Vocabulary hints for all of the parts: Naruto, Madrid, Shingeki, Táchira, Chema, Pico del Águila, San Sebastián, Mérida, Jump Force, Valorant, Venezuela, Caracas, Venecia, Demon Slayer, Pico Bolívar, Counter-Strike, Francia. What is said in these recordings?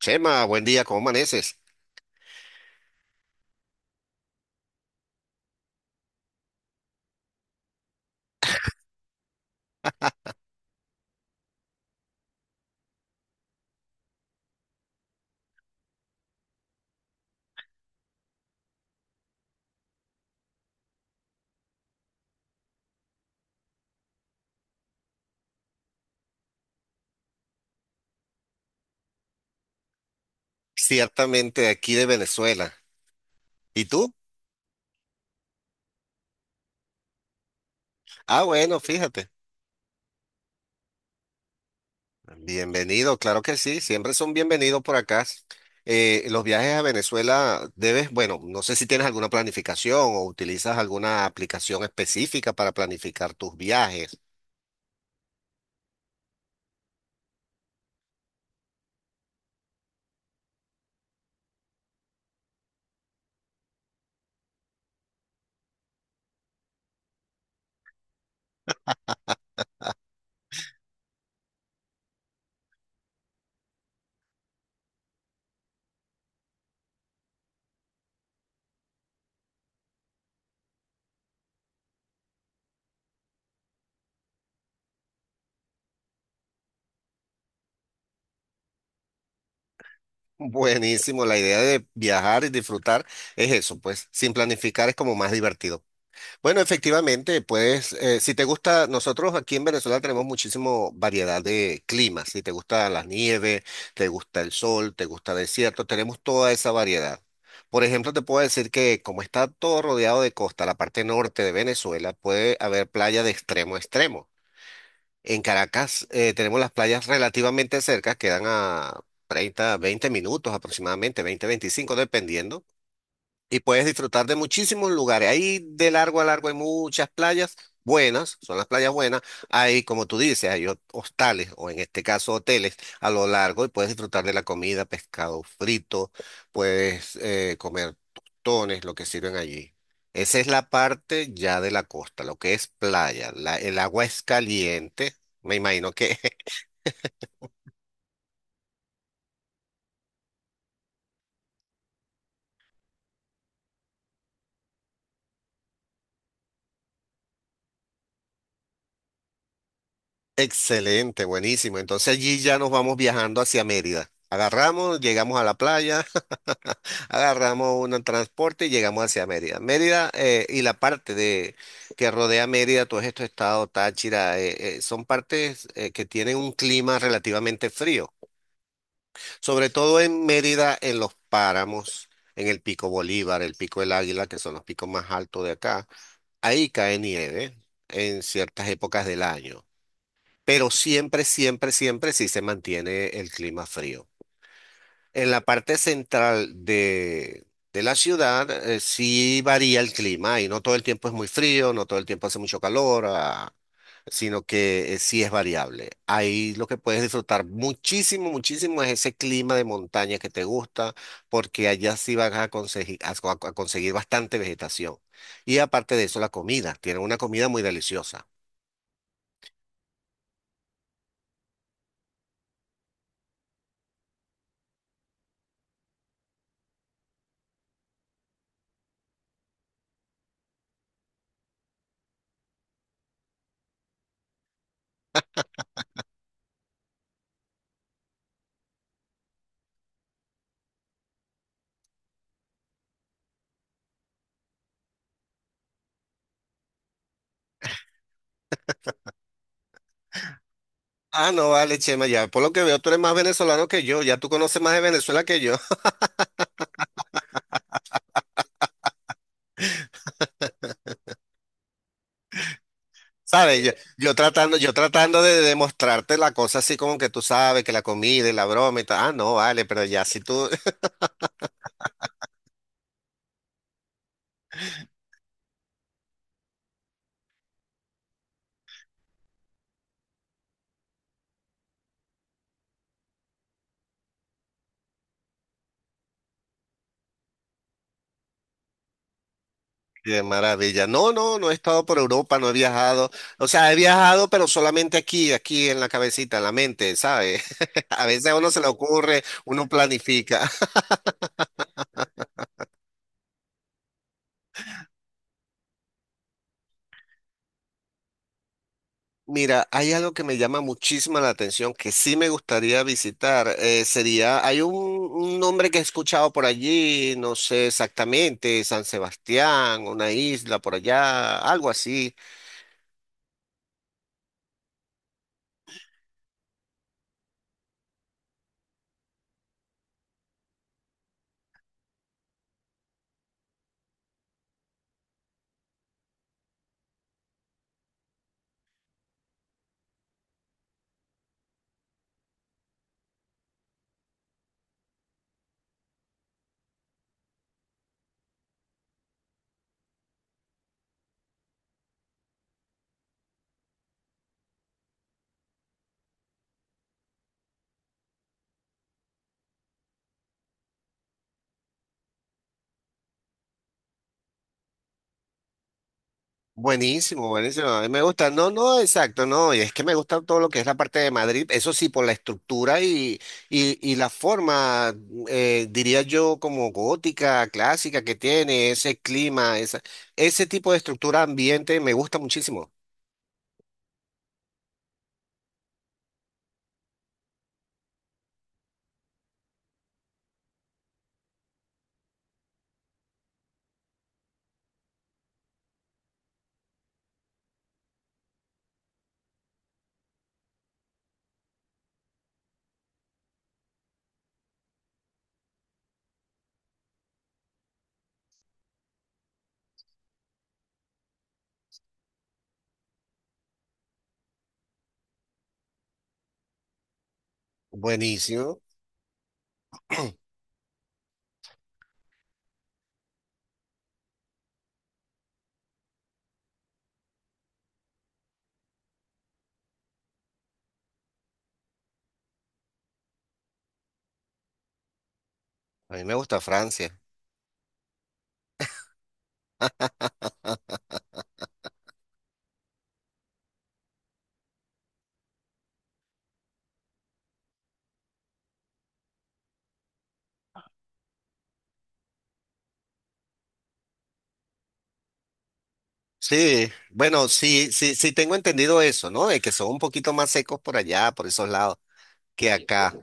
Chema, buen día, ¿cómo amaneces? Ciertamente aquí de Venezuela. ¿Y tú? Ah, bueno, fíjate. Bienvenido, claro que sí, siempre son bienvenidos por acá. Los viajes a Venezuela debes, bueno, no sé si tienes alguna planificación o utilizas alguna aplicación específica para planificar tus viajes. Buenísimo, la idea de viajar y disfrutar es eso, pues sin planificar es como más divertido. Bueno, efectivamente, pues si te gusta, nosotros aquí en Venezuela tenemos muchísimo variedad de climas. Si te gusta la nieve, te gusta el sol, te gusta el desierto, tenemos toda esa variedad. Por ejemplo, te puedo decir que como está todo rodeado de costa, la parte norte de Venezuela puede haber playa de extremo a extremo. En Caracas tenemos las playas relativamente cerca, quedan a 30, 20 minutos aproximadamente, 20, 25 dependiendo, y puedes disfrutar de muchísimos lugares. Ahí de largo a largo hay muchas playas buenas, son las playas buenas. Hay, como tú dices, hay hostales o en este caso hoteles a lo largo y puedes disfrutar de la comida, pescado frito, puedes comer tostones, lo que sirven allí. Esa es la parte ya de la costa, lo que es playa. El agua es caliente, me imagino que Excelente, buenísimo. Entonces allí ya nos vamos viajando hacia Mérida. Agarramos, llegamos a la playa, Agarramos un transporte y llegamos hacia Mérida. Mérida y la parte de que rodea Mérida, todos estos estados, Táchira, son partes que tienen un clima relativamente frío. Sobre todo en Mérida, en los páramos, en el Pico Bolívar, el Pico del Águila, que son los picos más altos de acá. Ahí cae nieve en ciertas épocas del año. Pero siempre, siempre, siempre sí se mantiene el clima frío. En la parte central de la ciudad, sí varía el clima y no todo el tiempo es muy frío, no todo el tiempo hace mucho calor, ah, sino que sí es variable. Ahí lo que puedes disfrutar muchísimo, muchísimo es ese clima de montaña que te gusta, porque allá sí vas a conseguir, a conseguir bastante vegetación. Y aparte de eso, la comida, tienen una comida muy deliciosa. Ah, no, vale, Chema, ya. Por lo que veo, tú eres más venezolano que yo. Ya tú conoces más de Venezuela que yo. ¿Sabes? Yo tratando de demostrarte la cosa así como que tú sabes, que la comida y la broma y tal. Ah, no, vale, pero ya si tú, qué maravilla. No, no, no he estado por Europa, no he viajado. O sea, he viajado, pero solamente aquí, aquí en la cabecita, en la mente, ¿sabes? A veces a uno se le ocurre, uno planifica. Mira, hay algo que me llama muchísimo la atención, que sí me gustaría visitar. Sería, hay un nombre que he escuchado por allí, no sé exactamente, San Sebastián, una isla por allá, algo así. Buenísimo, buenísimo. A mí me gusta. No, no, exacto, no. Y es que me gusta todo lo que es la parte de Madrid. Eso sí, por la estructura y la forma, diría yo, como gótica, clásica que tiene, ese clima, esa, ese tipo de estructura ambiente me gusta muchísimo. Buenísimo. A mí me gusta Francia. Sí, bueno, sí, sí, sí tengo entendido eso, ¿no? De que son un poquito más secos por allá, por esos lados, que acá.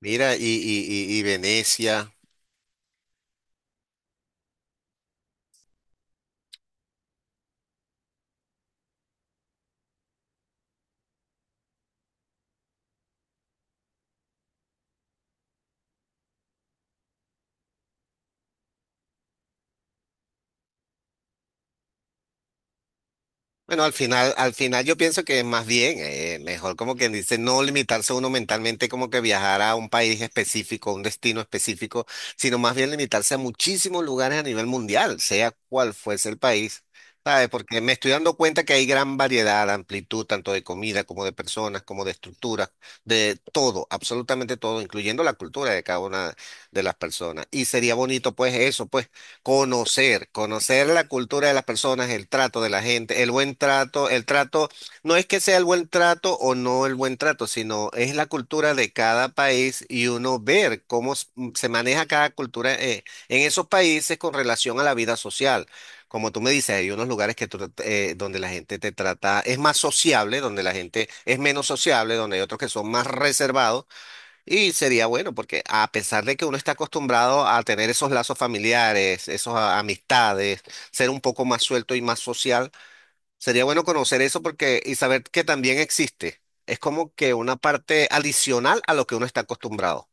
Mira, y Venecia. Bueno, al final yo pienso que es más bien, mejor como quien dice, no limitarse uno mentalmente como que viajar a un país específico, a un destino específico, sino más bien limitarse a muchísimos lugares a nivel mundial, sea cual fuese el país, ¿sabes? Porque me estoy dando cuenta que hay gran variedad, amplitud, tanto de comida como de personas, como de estructuras, de todo, absolutamente todo, incluyendo la cultura de cada una de las personas. Y sería bonito, pues, eso, pues. Conocer, conocer la cultura de las personas, el trato de la gente, el buen trato, el trato, no es que sea el buen trato o no el buen trato, sino es la cultura de cada país y uno ver cómo se maneja cada cultura en esos países con relación a la vida social. Como tú me dices, hay unos lugares que donde la gente te trata, es más sociable, donde la gente es menos sociable, donde hay otros que son más reservados. Y sería bueno porque a pesar de que uno está acostumbrado a tener esos lazos familiares, esas amistades, ser un poco más suelto y más social, sería bueno conocer eso porque y saber que también existe. Es como que una parte adicional a lo que uno está acostumbrado.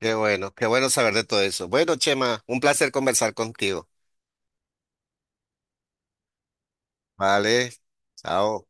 Qué bueno saber de todo eso. Bueno, Chema, un placer conversar contigo. Vale, chao.